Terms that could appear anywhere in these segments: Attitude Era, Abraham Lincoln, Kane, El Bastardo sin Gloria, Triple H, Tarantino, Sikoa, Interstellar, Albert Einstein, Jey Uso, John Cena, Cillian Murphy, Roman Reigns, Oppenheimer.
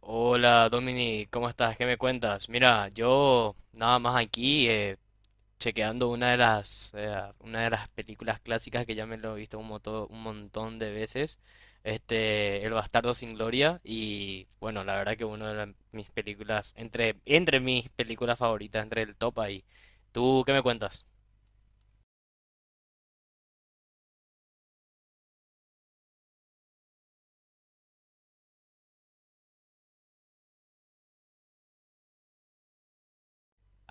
Hola Domini, ¿cómo estás? ¿Qué me cuentas? Mira, yo nada más aquí chequeando una de las películas clásicas que ya me lo he visto un montón de veces, este El Bastardo sin Gloria y bueno, la verdad que mis películas entre mis películas favoritas, entre el top ahí. ¿Tú qué me cuentas?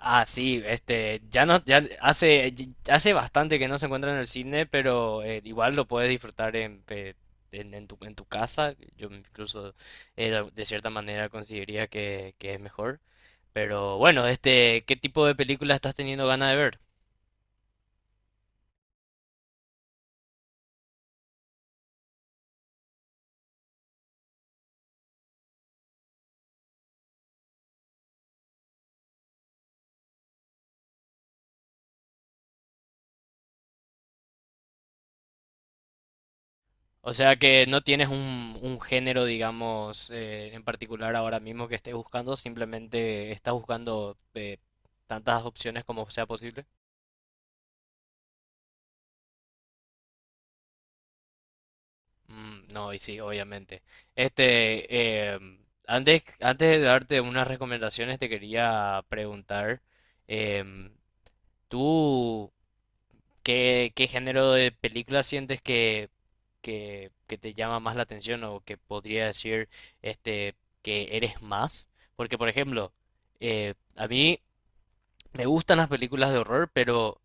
Ah, sí, este, ya no, ya hace, hace bastante que no se encuentra en el cine, pero igual lo puedes disfrutar en tu casa. Yo incluso de cierta manera consideraría que es mejor. Pero bueno, este, ¿qué tipo de película estás teniendo ganas de ver? O sea que no tienes un género, digamos, en particular ahora mismo que estés buscando, simplemente estás buscando tantas opciones como sea posible. Mm, no, y sí, obviamente. Este, antes, antes de darte unas recomendaciones, te quería preguntar, em, ¿tú qué, qué género de película sientes que te llama más la atención o que podría decir este, que eres más? Porque, por ejemplo, a mí me gustan las películas de horror, pero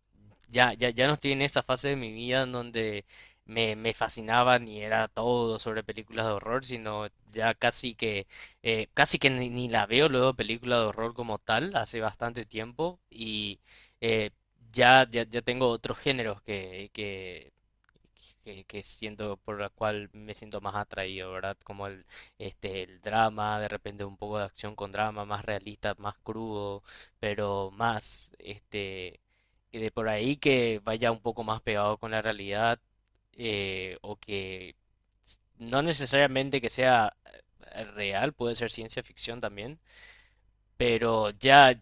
ya, ya, ya no estoy en esa fase de mi vida en donde me fascinaban y era todo sobre películas de horror, sino ya casi que ni, ni la veo luego película de horror como tal, hace bastante tiempo, y eh, ya, ya, ya tengo otros géneros que siento por la cual me siento más atraído, ¿verdad? Como el, este, el drama, de repente un poco de acción con drama, más realista, más crudo, pero más, este, que de por ahí que vaya un poco más pegado con la realidad o que no necesariamente que sea real, puede ser ciencia ficción también, pero ya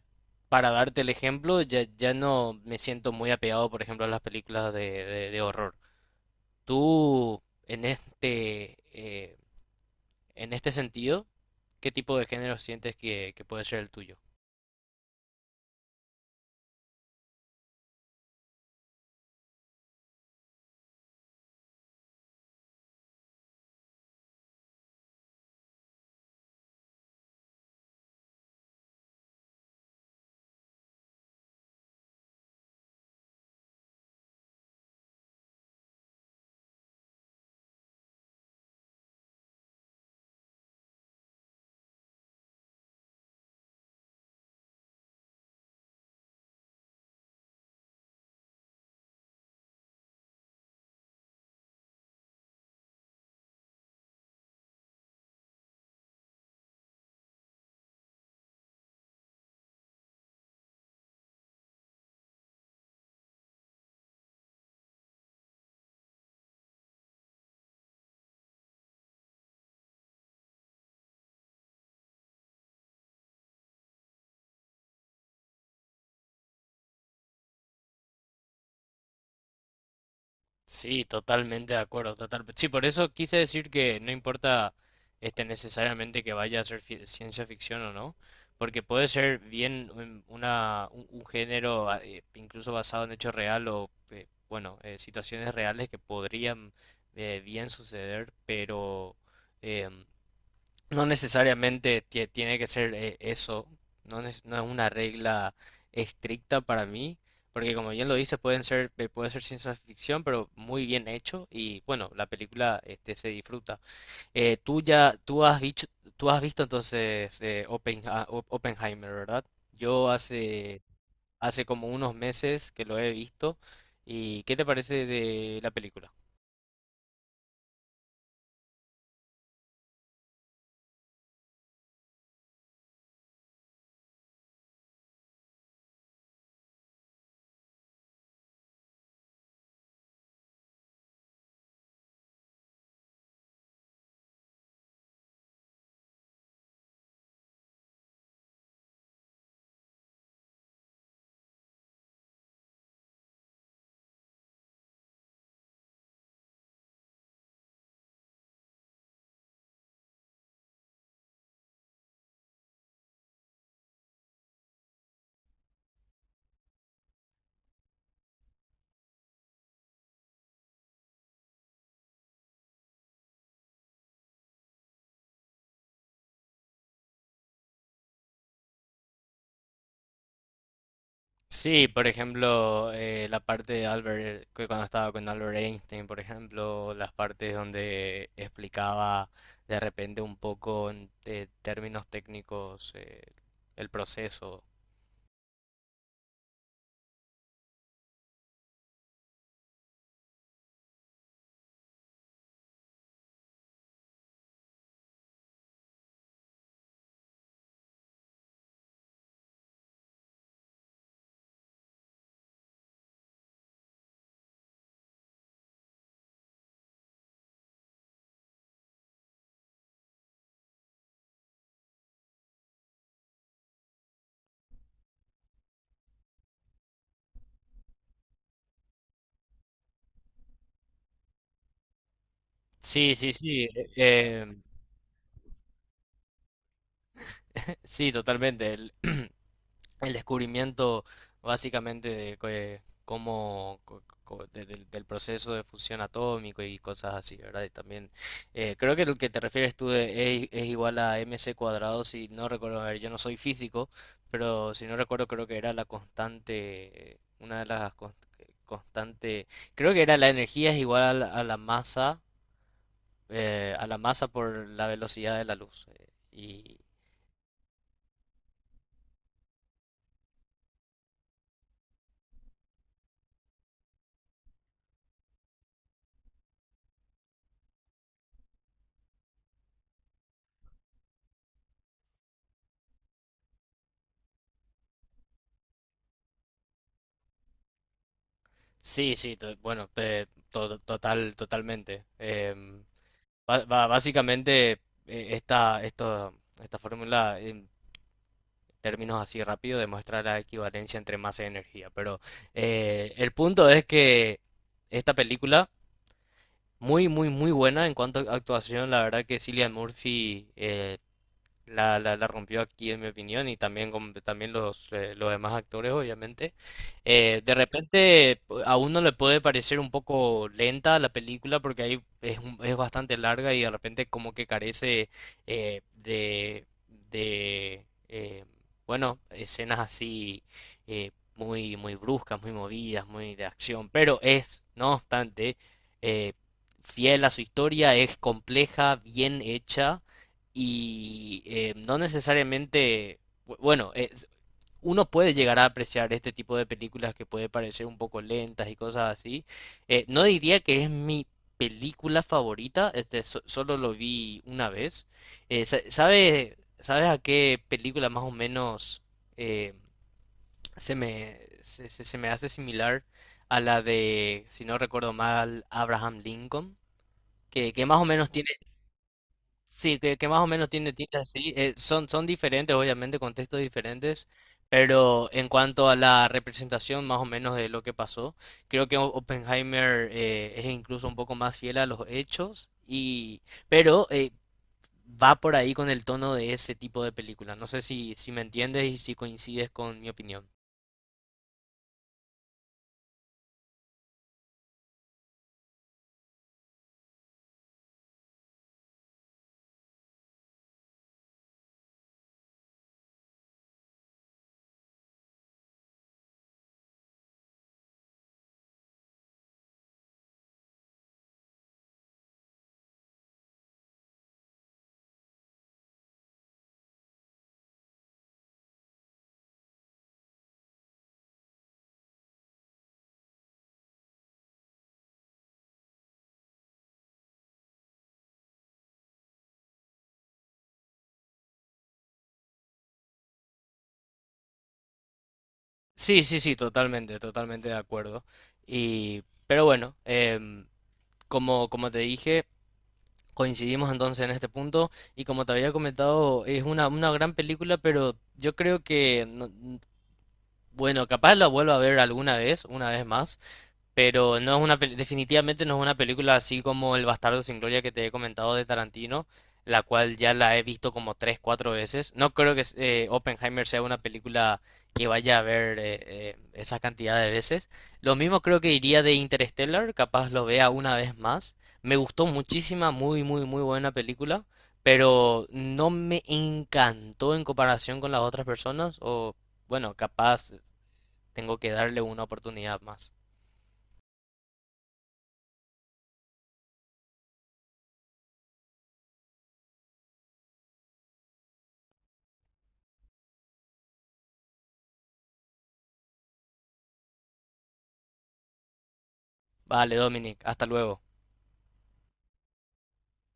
para darte el ejemplo, ya, ya no me siento muy apegado, por ejemplo, a las películas de, de horror. Tú, en este, eh, en este sentido, ¿qué tipo de género sientes que puede ser el tuyo? Sí, totalmente de acuerdo, total. Sí, por eso quise decir que no importa este necesariamente que vaya a ser ciencia ficción o no, porque puede ser bien una un género ah, incluso basado en hechos real o bueno, situaciones reales que podrían bien suceder, pero em, no necesariamente tiene que ser eso, no, no es una regla estricta para mí, porque como bien lo dice, pueden ser, puede ser ciencia ficción, pero muy bien hecho y bueno, la película este, se disfruta. Tú ya, tú has visto entonces Oppenheimer, ¿verdad? Yo hace, hace como unos meses que lo he visto y ¿qué te parece de la película? Sí, por ejemplo, la parte de Albert, que cuando estaba con Albert Einstein, por ejemplo, las partes donde explicaba de repente un poco en términos técnicos el proceso. Sí, sí, sí. eh, em, Sí, totalmente. El, el descubrimiento básicamente de cómo del proceso de fusión atómico y cosas así, ¿verdad? Y también creo que lo que te refieres tú de es igual a mc cuadrado, si no recuerdo, a ver, yo no soy físico, pero si no recuerdo creo que era la constante, una de las constantes creo que era la energía es igual a la masa por la velocidad de la luz. Eh, y sí, sí, bueno, total, totalmente. Básicamente, esta, esta fórmula, en términos así rápido, demuestra la equivalencia entre masa y energía. Pero el punto es que esta película, muy, muy, muy buena en cuanto a actuación, la verdad que Cillian Murphy la, la, la rompió aquí, en mi opinión, y también, con, también los demás actores, obviamente. De repente, a uno le puede parecer un poco lenta la película porque ahí es, es bastante larga y de repente, como que carece eh, de, de bueno, escenas así muy, muy bruscas, muy movidas, muy de acción, pero es, no obstante, eh, fiel a su historia, es compleja, bien hecha y no necesariamente, bueno, uno puede llegar a apreciar este tipo de películas que puede parecer un poco lentas y cosas así. No diría que es mi película favorita, este, solo lo vi una vez. ¿Sabes a qué película más o menos eh, se me, se, se me hace similar a la de, si no recuerdo mal, Abraham Lincoln? Que más o menos sí, que más o menos tiene tinta así. Eh, son, son diferentes, obviamente, contextos diferentes, pero en cuanto a la representación más o menos de lo que pasó, creo que Oppenheimer es incluso un poco más fiel a los hechos, y, pero va por ahí con el tono de ese tipo de película. No sé si, si me entiendes y si coincides con mi opinión. Sí, sí, sí, totalmente, totalmente de acuerdo. Y, pero bueno, como, como te dije... Coincidimos entonces en este punto y como te había comentado, es una gran película, pero yo creo que, no- bueno, capaz la vuelva a ver alguna vez, una vez más. Pero no es una definitivamente no es una película así como El Bastardo sin Gloria que te he comentado de Tarantino, la cual ya la he visto como tres, cuatro veces. No creo que Oppenheimer sea una película que vaya a ver esa cantidad de veces. Lo mismo creo que diría de Interstellar, capaz lo vea una vez más. Me gustó muchísima, muy, muy, muy buena película, pero no me encantó en comparación con las otras personas, o bueno, capaz tengo que darle una oportunidad más. Vale, Dominic, hasta luego.